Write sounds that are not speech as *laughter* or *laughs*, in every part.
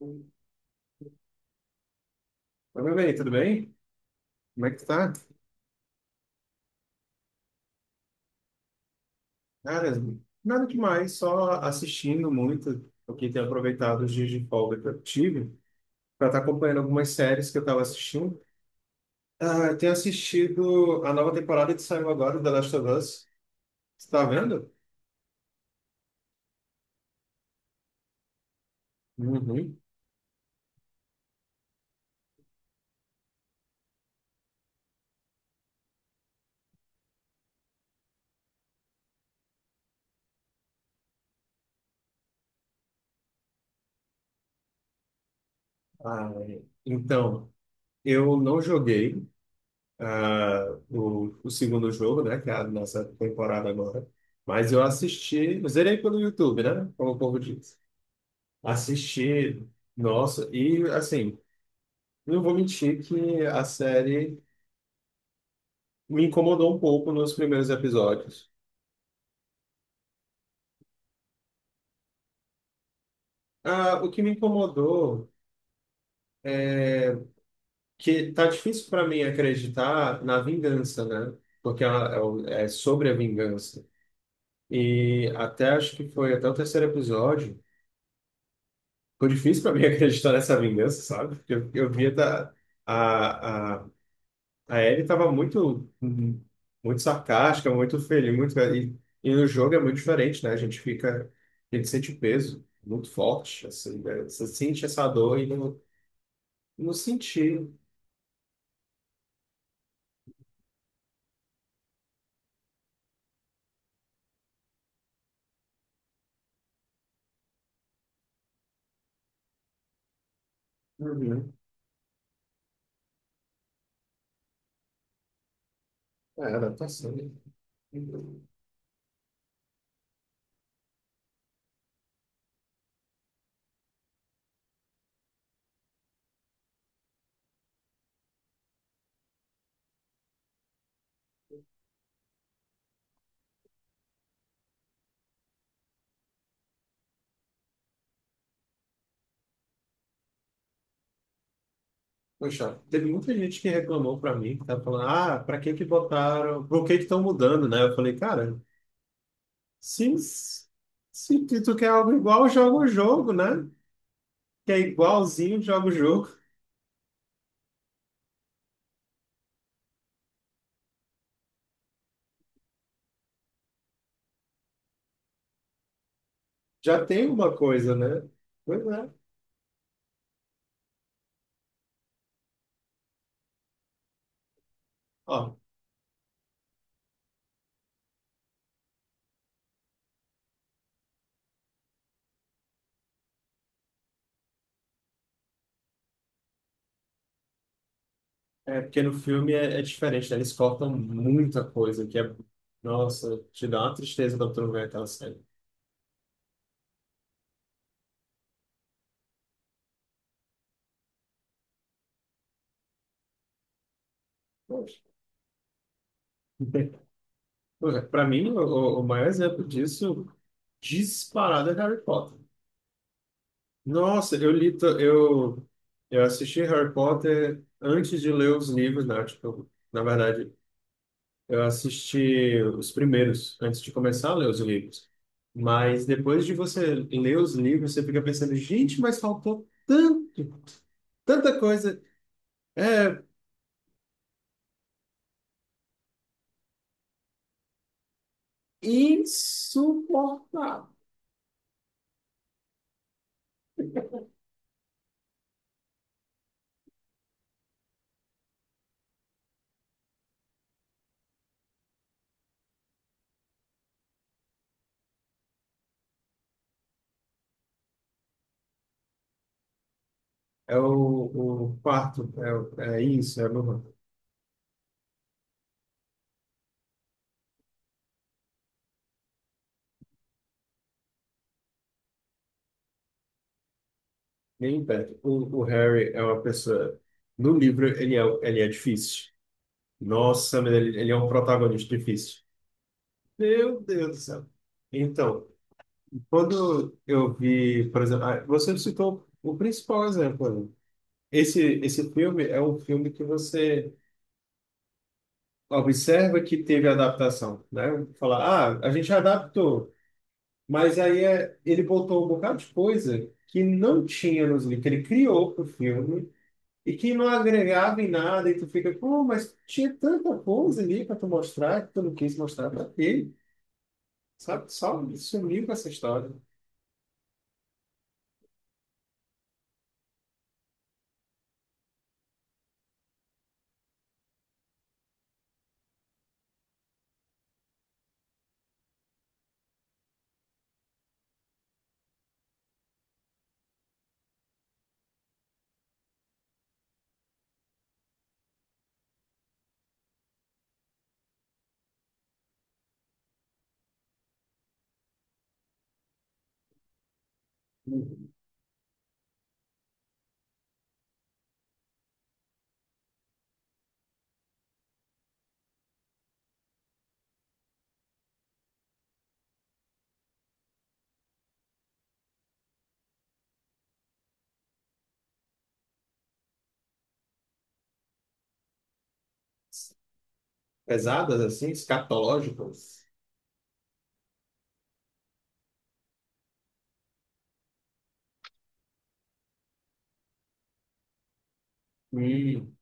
Oi, meu bem, tudo bem? Como é que tu tá? Cara, nada demais, só assistindo muito, porque tenho aproveitado os dias de folga que eu tive para estar acompanhando algumas séries que eu estava assistindo. Eu tenho assistido a nova temporada que saiu agora, The Last of Us. Você tá vendo? Uhum. Ah, então, eu não joguei ah, o segundo jogo, né, que é a nossa temporada agora, mas eu assisti, eu zerei pelo YouTube, né, como o povo diz. Assisti, nossa, e assim, não vou mentir que a série me incomodou um pouco nos primeiros episódios. Ah, o que me incomodou, que tá difícil para mim acreditar na vingança, né? Porque ela- é o- é sobre a vingança. E até acho que foi até o terceiro episódio, foi difícil para mim *laughs* acreditar nessa vingança, sabe? Porque eu via da, a A Ellie estava muito, Uhum. muito sarcástica, muito feliz, muito... E, e no jogo é muito diferente, né? A gente fica, a gente sente peso muito forte, assim, né? Você sente essa dor e não, não sentiu. Uhum. É, adaptação. Né? Poxa, teve muita gente que reclamou pra mim, que tava falando, ah, pra que que botaram, por que que estão mudando, né? Eu falei, cara, se, se tu quer algo igual, joga o jogo, né? Que é igualzinho, joga o jogo. Já tem uma coisa, né? Pois é. Ó, é porque no filme é, é diferente, né? Eles cortam muita coisa, que é... Nossa, te dá uma tristeza quando tu não vê aquela série. Poxa. *laughs* Pois é, pra mim, o maior exemplo disso, disparado, é Harry Potter. Nossa, eu li... to- eu assisti Harry Potter antes de ler os livros, né? Tipo, na verdade, eu assisti os primeiros, antes de começar a ler os livros. Mas depois de você ler os livros, você fica pensando, gente, mas faltou tanto, tanta coisa insuportável. É o quarto, é, o- é isso, é o, nem perto. O Harry é uma pessoa. No livro, ele é difícil. Nossa, mas ele é um protagonista difícil. Meu Deus do céu. Então, quando eu vi, por exemplo, ah, você citou o principal exemplo. Né? Esse filme é um filme que você observa que teve adaptação, né? Falar, ah, a gente adaptou, mas aí é, ele botou um bocado de coisa que não tinha nos livros, que ele criou para o filme e que não agregava em nada, e tu fica, pô, mas tinha tanta coisa ali para tu mostrar que tu não quis mostrar para ele, sabe? Só sumiu com essa história. Pesadas, assim, escatológicas. Hum,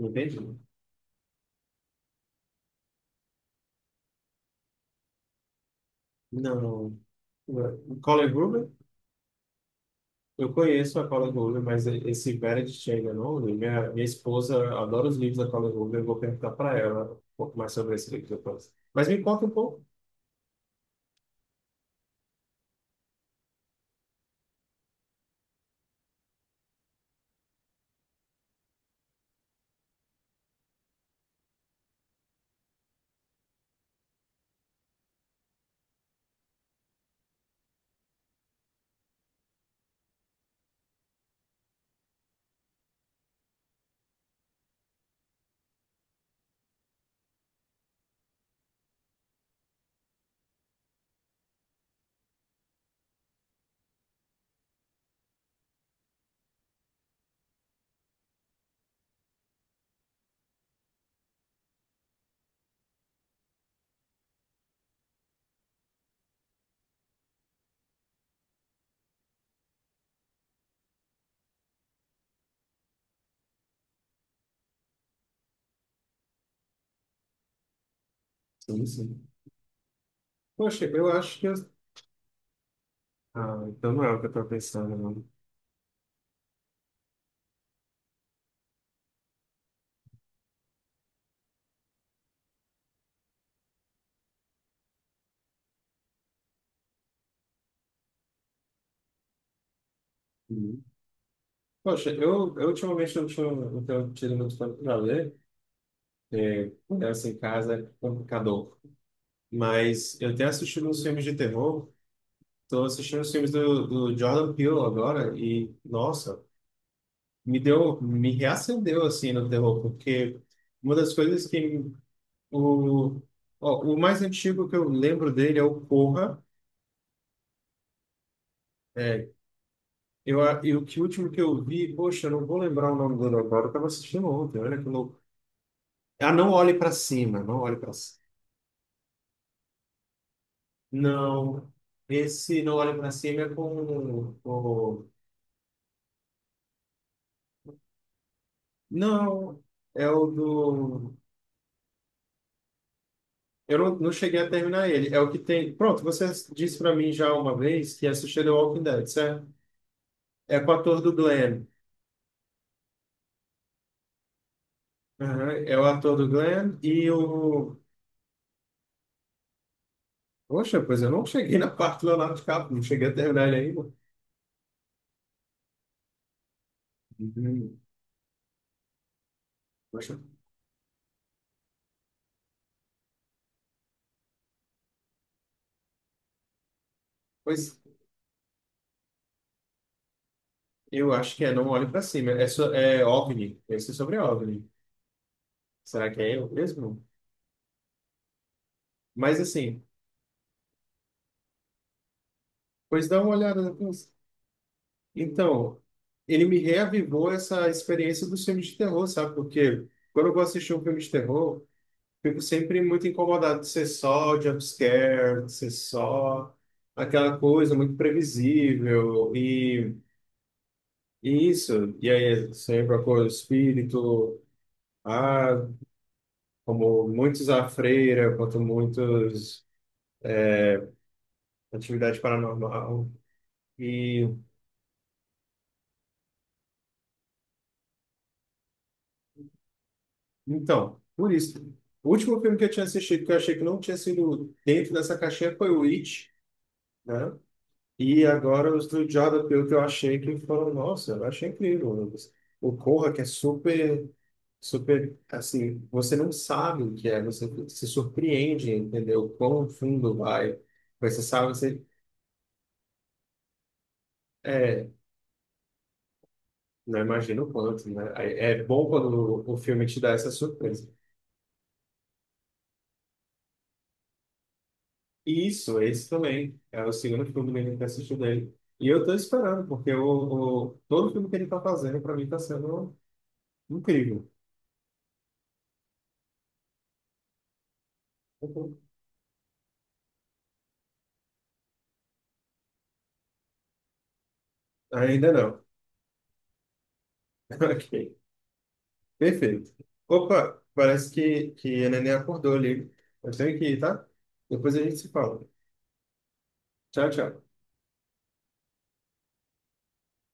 entendi. Não, o Colin Gruber, eu conheço a Colin Gruber, mas esse Verity chega, não. li. Minha esposa adora os livros da Colin Gruber, eu vou perguntar para ela um pouco mais sobre esse livro depois. Mas me conta um pouco. Sim, sim. Poxa, eu acho que. Eu- Ah, então não é o que eu estou pensando, não. Uhum. Poxa, eu ultimamente não, tinha, não tenho tido muito tempo para ler, é, essa em casa é complicador. Mas eu tenho assistido uns filmes de terror. Estou assistindo os filmes do, do Jordan Peele agora e, nossa, me deu, me reacendeu assim no terror, porque uma das coisas que o, ó, o mais antigo que eu lembro dele é o Corra. É, eu, a- e o que último que eu vi, poxa, eu não vou lembrar o nome dele agora, eu estava assistindo ontem, olha que louco. Ah, não olhe para cima, não olhe para não, esse não olhe pra cima é com o. Não, é o do. Eu não, não cheguei a terminar ele. É o que tem. Pronto, você disse pra mim já uma vez que assistiu The Walking Dead, certo? É com o ator do Glenn. Aham, é o ator do Glenn e o. Poxa, pois eu não cheguei na parte do Leonardo DiCaprio, não cheguei a terminar ele ainda. Uhum. Poxa, pois eu acho que é Não Olhe Pra Cima. É, so... é OVNI, esse é sobre OVNI. Será que é eu mesmo? Mas assim. Pois dá uma olhada depois. Então, ele me reavivou essa experiência dos filmes de terror, sabe? Porque quando eu vou assistir um filme de terror, fico sempre muito incomodado de ser só jumpscare, de ser só aquela coisa muito previsível e isso. E aí, sempre a cor espírito, ah, como muitos a freira, quanto muitos atividade paranormal. E então, por isso. O último filme que eu tinha assistido, que eu achei que não tinha sido dentro dessa caixinha, foi o It, né? E agora os do Jordan Peele que eu achei que foram, nossa, eu achei incrível. Lucas. O Corra, que é super, super, assim, você não sabe o que é, você se surpreende, entendeu? Quão fundo vai. Mas você sabe, você, é, não imagina o quanto, né? Aí é bom quando o filme te dá essa surpresa. Isso, esse também. É o segundo filme dele que a gente assistiu dele. E eu tô esperando, porque o- todo filme que ele tá fazendo, pra mim, tá sendo incrível. Ainda não. *laughs* Ok, perfeito. Opa, parece que a neném acordou ali. Eu tenho que ir, tá? Depois a gente se fala. Tchau, tchau.